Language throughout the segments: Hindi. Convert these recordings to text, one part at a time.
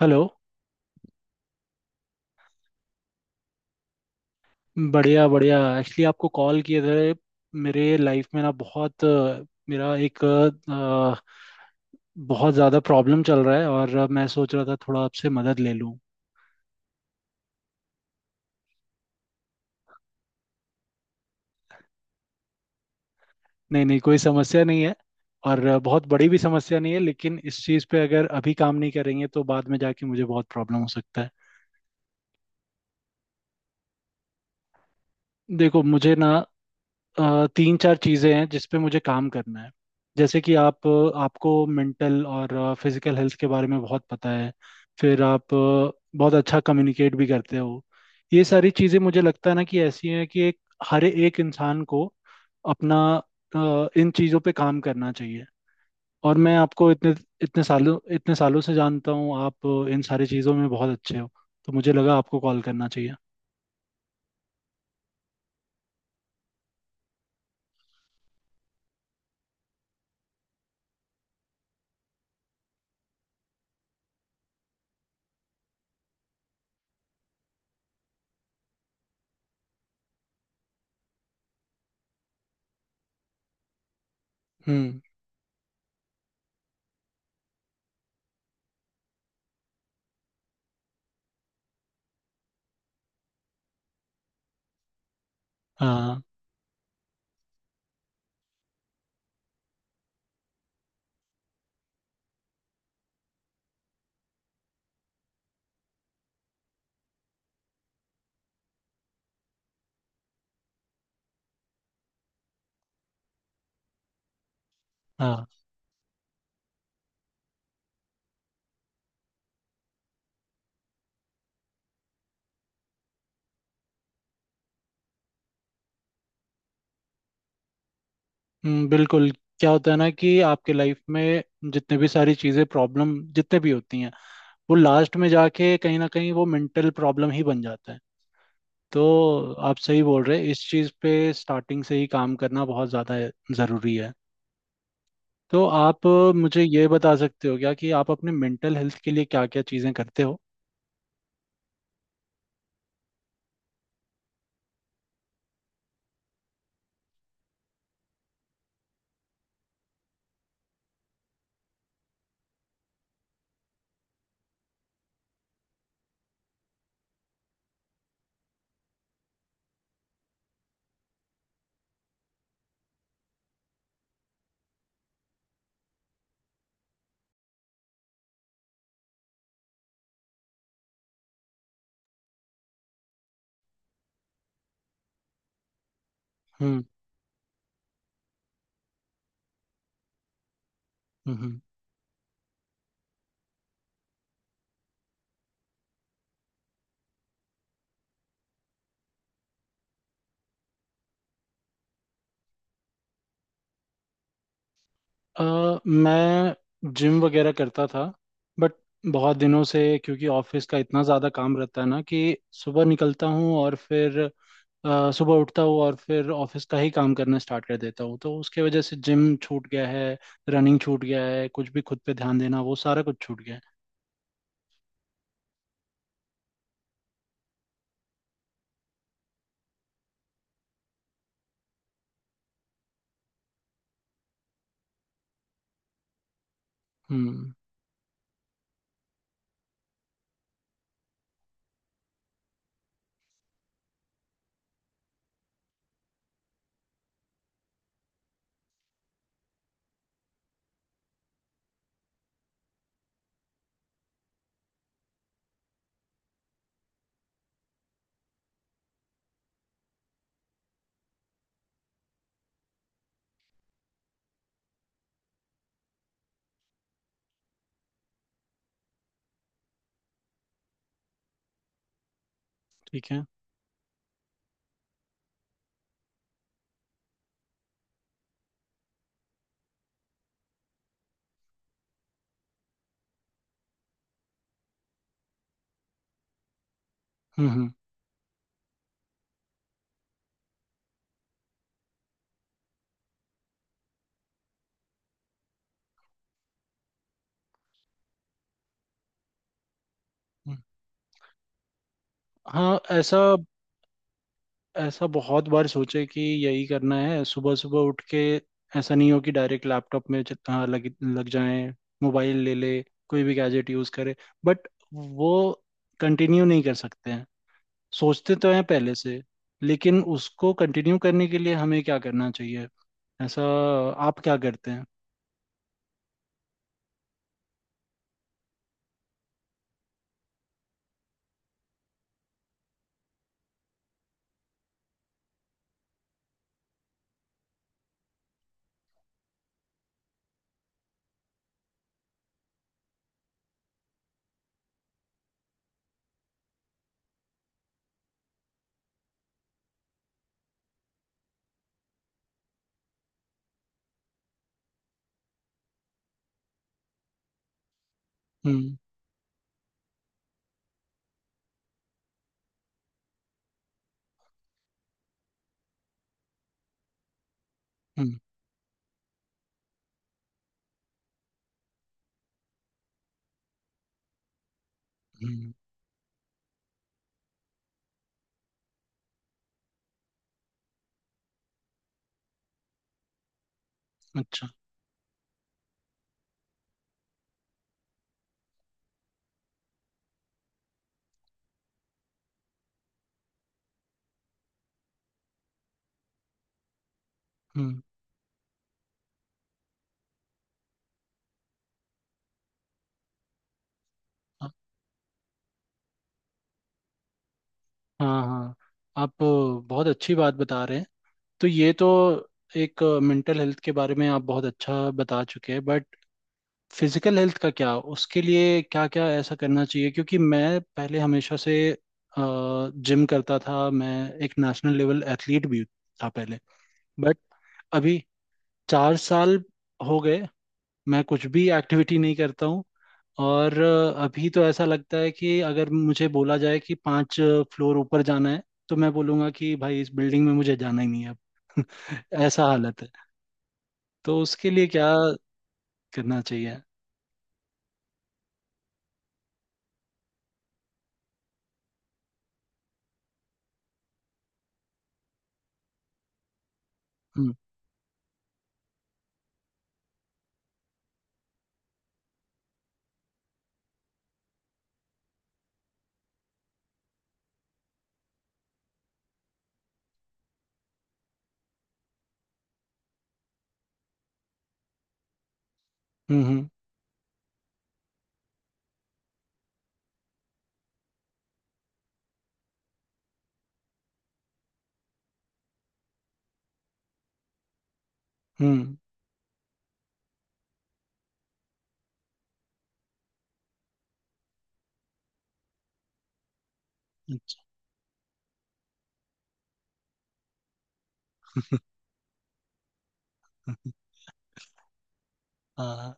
हेलो। बढ़िया बढ़िया, एक्चुअली आपको कॉल किए थे। मेरे लाइफ में ना बहुत मेरा एक बहुत ज़्यादा प्रॉब्लम चल रहा है, और मैं सोच रहा था थोड़ा आपसे मदद ले लूँ। नहीं नहीं, कोई समस्या नहीं है। और बहुत बड़ी भी समस्या नहीं है, लेकिन इस चीज़ पे अगर अभी काम नहीं करेंगे तो बाद में जाके मुझे बहुत प्रॉब्लम हो सकता है। देखो मुझे ना तीन चार चीज़ें हैं जिस पे मुझे काम करना है। जैसे कि आप आपको मेंटल और फिजिकल हेल्थ के बारे में बहुत पता है। फिर आप बहुत अच्छा कम्युनिकेट भी करते हो। ये सारी चीज़ें मुझे लगता है ना कि ऐसी हैं कि एक हर एक इंसान को अपना इन चीज़ों पे काम करना चाहिए। और मैं आपको इतने इतने सालों से जानता हूँ। आप इन सारी चीज़ों में बहुत अच्छे हो, तो मुझे लगा आपको कॉल करना चाहिए। हम्म। हाँ हाँ। बिल्कुल। क्या होता है ना कि आपके लाइफ में जितने भी सारी चीज़ें प्रॉब्लम जितने भी होती हैं, वो लास्ट में जाके कहीं ना कहीं वो मेंटल प्रॉब्लम ही बन जाता है। तो आप सही बोल रहे हैं, इस चीज़ पे स्टार्टिंग से ही काम करना बहुत ज़्यादा ज़रूरी है। तो आप मुझे ये बता सकते हो क्या कि आप अपने मेंटल हेल्थ के लिए क्या क्या चीज़ें करते हो? हम्म हम्म हम्म। अ, मैं जिम वगैरह करता था, बट बहुत दिनों से, क्योंकि ऑफिस का इतना ज़्यादा काम रहता है ना कि सुबह निकलता हूँ और फिर सुबह उठता हूँ और फिर ऑफिस का ही काम करना स्टार्ट कर देता हूँ, तो उसके वजह से जिम छूट गया है, रनिंग छूट गया है, कुछ भी खुद पे ध्यान देना वो सारा कुछ छूट गया है। हम्म। ठीक है। हम्म हम्म हम्म। हाँ ऐसा, ऐसा बहुत बार सोचे कि यही करना है सुबह सुबह उठ के, ऐसा नहीं हो कि डायरेक्ट लैपटॉप में लग लग जाए, मोबाइल ले ले, कोई भी गैजेट यूज़ करे। बट वो कंटिन्यू नहीं कर सकते हैं, सोचते तो हैं पहले से, लेकिन उसको कंटिन्यू करने के लिए हमें क्या करना चाहिए, ऐसा? आप क्या करते हैं? हम्म हम्म हम्म, अच्छा। हम्म। हाँ हाँ, आप बहुत अच्छी बात बता रहे हैं। तो ये तो एक मेंटल हेल्थ के बारे में आप बहुत अच्छा बता चुके हैं, बट फिजिकल हेल्थ का क्या? उसके लिए क्या क्या ऐसा करना चाहिए? क्योंकि मैं पहले हमेशा से जिम करता था। मैं एक नेशनल लेवल एथलीट भी था पहले, बट अभी चार साल हो गए मैं कुछ भी एक्टिविटी नहीं करता हूँ। और अभी तो ऐसा लगता है कि अगर मुझे बोला जाए कि पांच फ्लोर ऊपर जाना है, तो मैं बोलूंगा कि भाई इस बिल्डिंग में मुझे जाना ही नहीं है अब। ऐसा हालत है। तो उसके लिए क्या करना चाहिए? हम्म हम्म हम्म हम्म, अच्छा। हाँ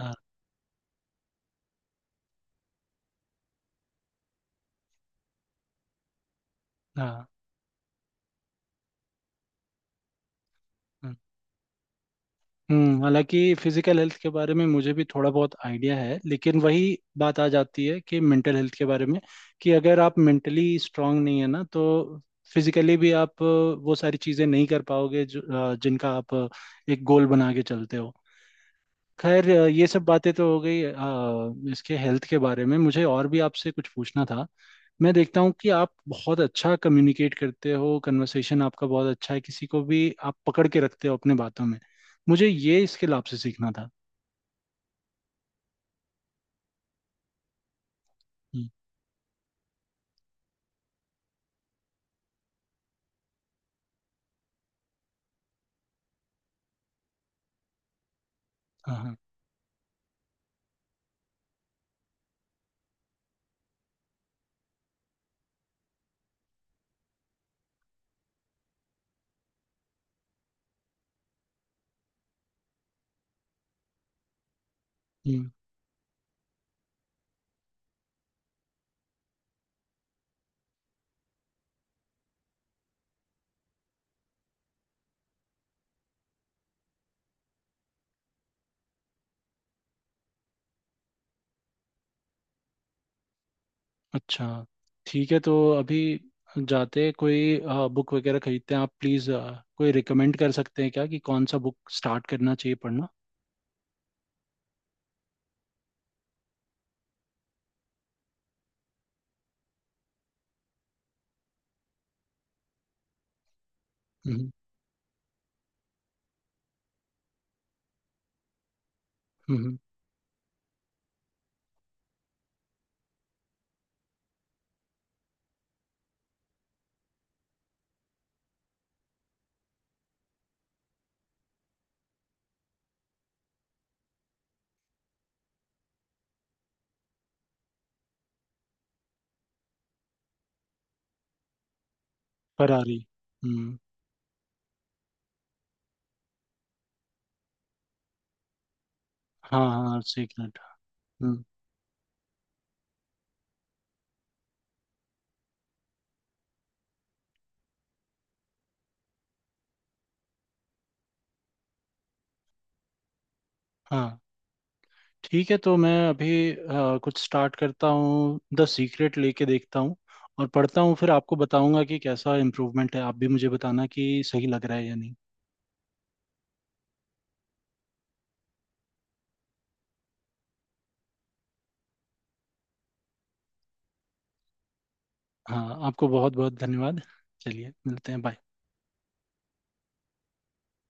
हाँ। हाँ, हम्म। हालांकि फिजिकल हेल्थ के बारे में मुझे भी थोड़ा बहुत आइडिया है, लेकिन वही बात आ जाती है कि मेंटल हेल्थ के बारे में, कि अगर आप मेंटली स्ट्रांग नहीं है ना, तो फिजिकली भी आप वो सारी चीज़ें नहीं कर पाओगे जो जिनका आप एक गोल बना के चलते हो। खैर ये सब बातें तो हो गई। इसके हेल्थ के बारे में मुझे और भी आपसे कुछ पूछना था। मैं देखता हूँ कि आप बहुत अच्छा कम्युनिकेट करते हो, कन्वर्सेशन आपका बहुत अच्छा है, किसी को भी आप पकड़ के रखते हो अपने बातों में। मुझे ये स्किल आपसे सीखना था। हम्म। हाँ हाँ। हम्म, अच्छा। ठीक है, तो अभी जाते कोई बुक वगैरह खरीदते हैं आप, प्लीज़ कोई रिकमेंड कर सकते हैं क्या कि कौन सा बुक स्टार्ट करना चाहिए पढ़ना? हम्म। हम्म हम्म, फरारी। हम्म। हाँ हाँ, सीक्रेट। हाँ ठीक है, तो मैं अभी कुछ स्टार्ट करता हूँ, द सीक्रेट लेके देखता हूँ और पढ़ता हूँ, फिर आपको बताऊंगा कि कैसा इम्प्रूवमेंट है। आप भी मुझे बताना कि सही लग रहा है या नहीं। हाँ, आपको बहुत बहुत धन्यवाद। चलिए मिलते हैं, बाय।